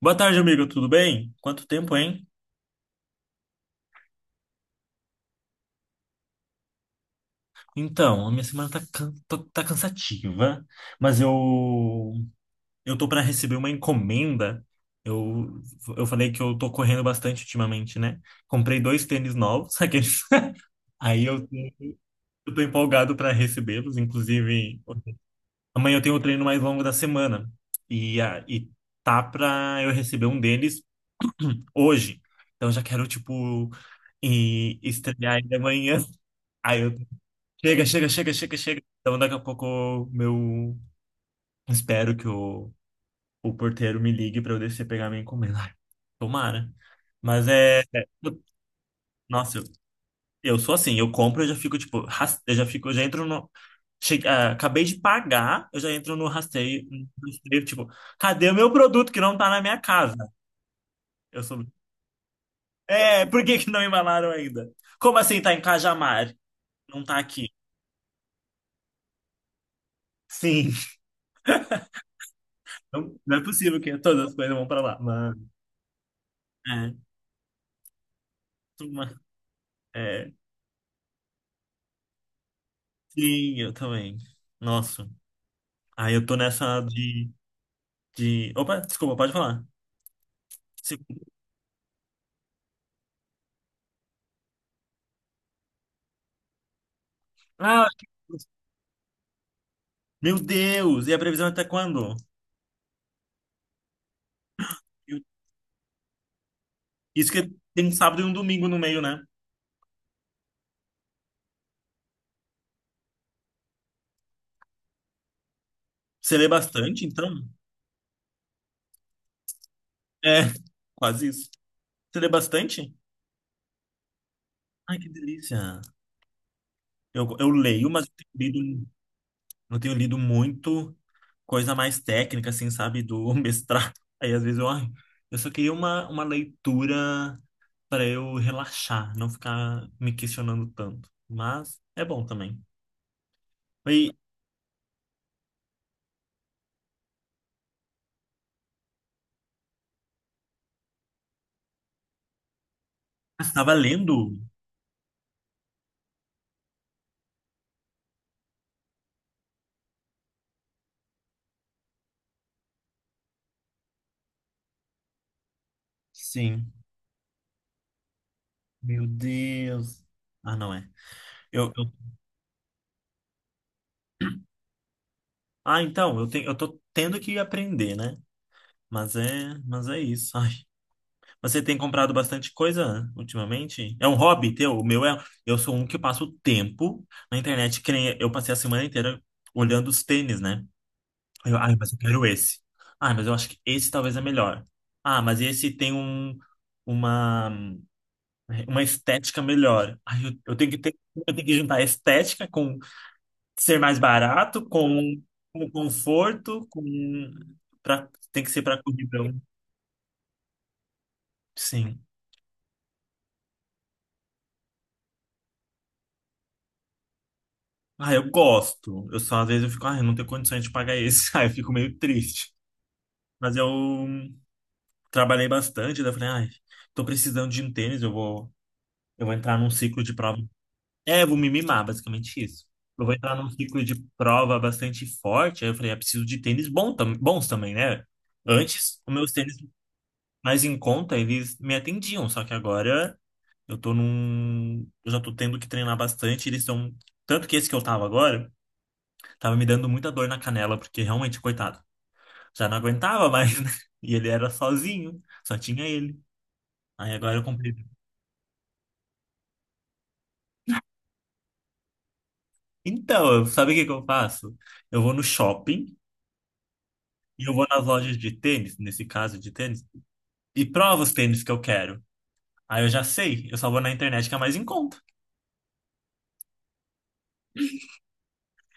Boa tarde, amigo. Tudo bem? Quanto tempo, hein? Então, a minha semana tá cansativa, mas eu tô para receber uma encomenda. Eu, eu falei que eu tô correndo bastante ultimamente, né? Comprei dois tênis novos, aqueles. Aí eu tô empolgado para recebê-los. Inclusive, amanhã eu tenho o treino mais longo da semana e tá pra eu receber um deles hoje. Então, já quero, tipo, e estrear ele amanhã. Aí eu Chega, chega, chega, chega, chega. Então, daqui a pouco, meu. Espero que o porteiro me ligue para eu descer pegar minha encomenda. Ai, tomara. Mas eu- Nossa, eu sou assim. Eu compro, eu já fico, tipo. Eu já fico, eu já entro no. Acabei de pagar, eu já entro no rasteio, no rastreio, tipo, cadê o meu produto que não tá na minha casa? Eu sou. É, por que que não embalaram ainda? Como assim tá em Cajamar? Não tá aqui. Sim, não, não é possível que todas as coisas vão pra lá. Mas. É. Uma- É, sim, eu também. Nossa. Aí eu tô nessa de. Opa, desculpa, pode falar. Se- Ah, meu Deus! E a previsão é até quando? Eu- Isso que tem um sábado e um domingo no meio, né? Você lê bastante, então? É, quase isso. Você lê bastante? Ai, que delícia. Eu leio, mas eu tenho lido muito coisa mais técnica, assim, sabe? Do mestrado. Aí às vezes ai, eu só queria uma leitura para eu relaxar, não ficar me questionando tanto. Mas é bom também. E eu estava lendo? Sim. Meu Deus. Ah, não é. Eu- Ah, então, eu tô tendo que aprender, né? Mas é isso. Ai. Você tem comprado bastante coisa ultimamente? É um hobby teu? O meu é. Eu sou um que passo o tempo na internet, que nem eu passei a semana inteira olhando os tênis, né? Aí ai, mas eu quero esse. Ah, mas eu acho que esse talvez é melhor. Ah, mas esse tem uma, uma estética melhor. Ai, eu tenho que ter, eu tenho que juntar estética com ser mais barato, com conforto, com pra, tem que ser para corridão. Sim. Ah, eu gosto. Eu só às vezes eu fico, ah, eu não tenho condições de pagar esse. Ah, eu fico meio triste. Mas eu trabalhei bastante, daí eu falei, ai, tô precisando de um tênis, eu vou entrar num ciclo de prova. É, vou me mimar, basicamente isso. Eu vou entrar num ciclo de prova bastante forte. Aí eu falei, ah, preciso de tênis bom bons também, né? Antes, os meus tênis mais em conta, eles me atendiam. Só que agora eu tô num. Eu já tô tendo que treinar bastante. Eles estão. Tanto que esse que eu tava agora, tava me dando muita dor na canela, porque realmente, coitado, já não aguentava mais, né? E ele era sozinho, só tinha ele. Aí agora eu comprei. Então, eu- sabe o que que eu faço? Eu vou no shopping. E eu vou nas lojas de tênis, nesse caso de tênis, e provo os tênis que eu quero. Aí eu já sei, eu só vou na internet que é mais em conta.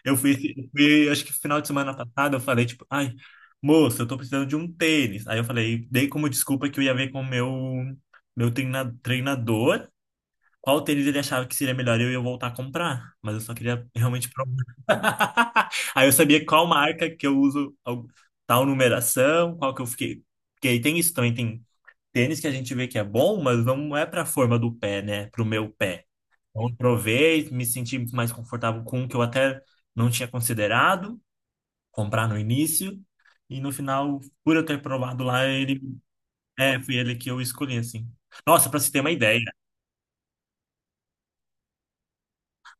Eu fui, acho que final de semana passada, eu falei, tipo, ai, moça, eu tô precisando de um tênis. Aí eu falei, dei como desculpa que eu ia ver com o meu treinador qual tênis ele achava que seria melhor e eu ia voltar a comprar. Mas eu só queria realmente provar. Aí eu sabia qual marca que eu uso, tal numeração, qual que eu fiquei. Porque aí tem isso também, tem tênis que a gente vê que é bom, mas não é para a forma do pé, né? Para o meu pé. Então, eu provei, me senti mais confortável com um que eu até não tinha considerado comprar no início. E no final, por eu ter provado lá, ele é, foi ele que eu escolhi, assim. Nossa, para você ter uma ideia.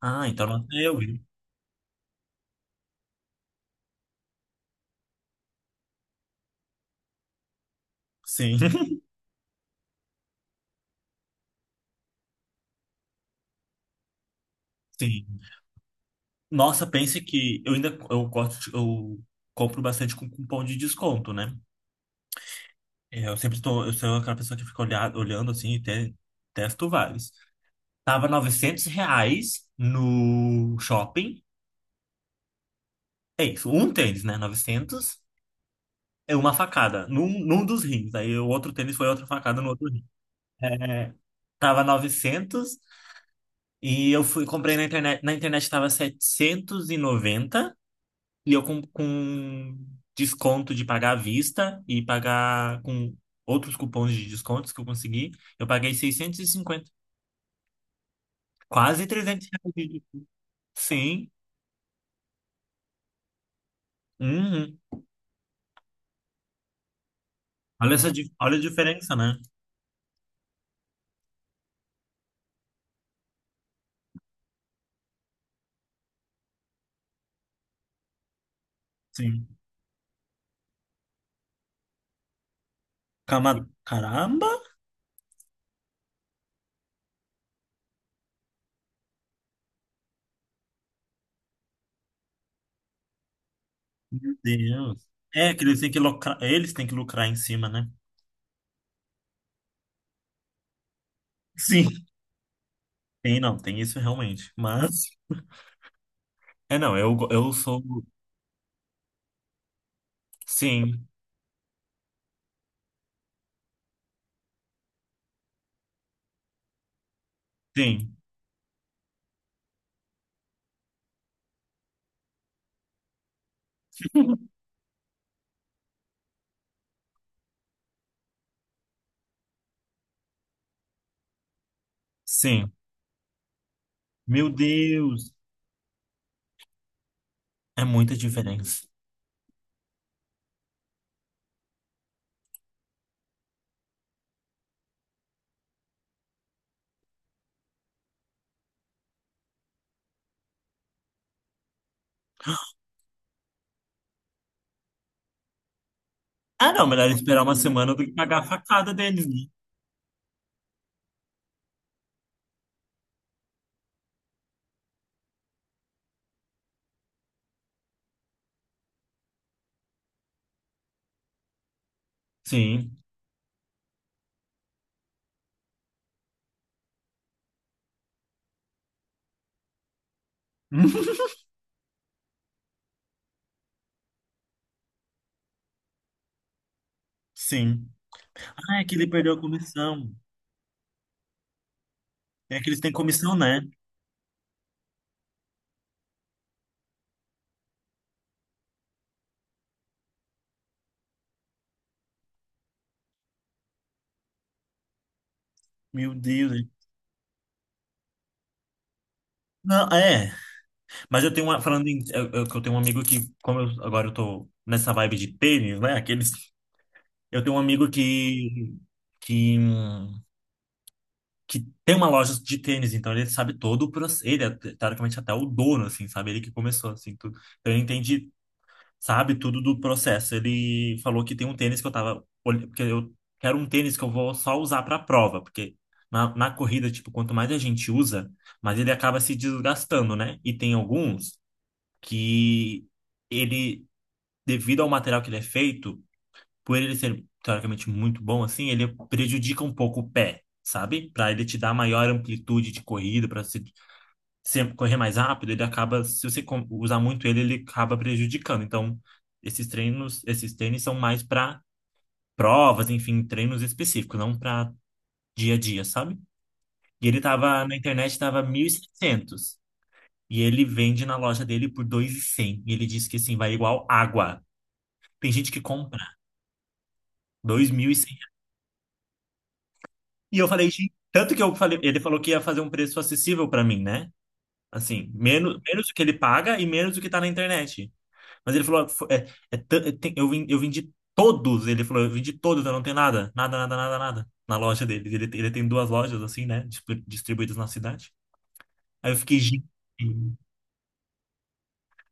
Ah, então não é eu, viu? Sim, sim. Nossa, pense que eu ainda eu gosto, de- eu compro bastante com cupom de desconto, né? É, eu sempre estou, eu sou aquela pessoa que fica olhar, olhando assim e testo vários. Tava R$ 900 no shopping. É isso, um tênis, né? 900. É uma facada num dos rins. Aí o outro tênis foi outra facada no outro rim. É, tava 900 e eu fui comprei na internet. Na internet tava 790 e eu com desconto de pagar à vista e pagar com outros cupons de descontos que eu consegui, eu paguei 650. Quase R$ 300. De- Sim. Uhum. Olha essa, olha a diferença, né? Sim. Caramba! Meu Deus. É que eles têm que lucrar, eles têm que lucrar em cima, né? Sim. Tem, não, tem isso realmente. Mas. É, não, eu, eu sou. Sim, sim, sim. Meu Deus! É muita diferença. Ah, não, melhor esperar uma semana do que pagar a facada deles, né? Sim. Sim. Ah, é que ele perdeu a comissão. É que eles têm comissão, né? Meu Deus, é. Não, é. Mas eu tenho uma, falando em, que eu tenho um amigo que, como eu, agora eu tô nessa vibe de tênis, né? Aqueles, eu tenho um amigo que, hum, que tem uma loja de tênis, então ele sabe todo o processo, ele é teoricamente até o dono, assim, sabe? Ele que começou, assim, tudo. Então ele entende, sabe tudo do processo. Ele falou que tem um tênis que eu tava, porque eu quero um tênis que eu vou só usar pra prova, porque na corrida, tipo, quanto mais a gente usa, mas ele acaba se desgastando, né? E tem alguns que ele, devido ao material que ele é feito, por ele ser teoricamente muito bom assim, ele prejudica um pouco o pé, sabe? Para ele te dar maior amplitude de corrida, para você sempre correr mais rápido, ele acaba, se você usar muito ele, ele acaba prejudicando. Então, esses treinos, esses tênis são mais para provas, enfim, treinos específicos, não para dia a dia, sabe? E ele tava na internet, tava mil e setecentos e ele vende na loja dele por 2.100. E cem. E ele disse que assim, vai igual água. Tem gente que compra dois mil e cem e eu falei, gente, tanto que eu falei, ele falou que ia fazer um preço acessível pra mim, né? Assim, menos, menos do que ele paga e menos do que tá na internet. Mas ele falou, É, é, eu vendi todos, ele falou, eu vendi todos, eu não tenho nada, nada, nada, nada, nada na loja dele. Ele tem duas lojas assim, né, distribuídas na cidade. Aí eu fiquei, gente,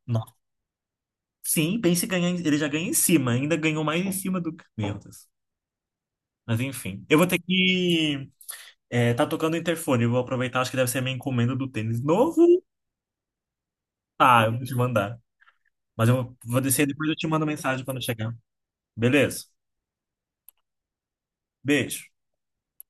nossa. Sim, pense em ganhar, ele já ganha em cima, ainda ganhou mais em cima do que, meu Deus. Mas enfim, eu vou ter que. É, tá tocando o interfone. Eu vou aproveitar, acho que deve ser a minha encomenda do tênis novo. Ah, eu vou te mandar. Mas eu vou descer depois eu te mando mensagem quando chegar. Beleza? Beijo.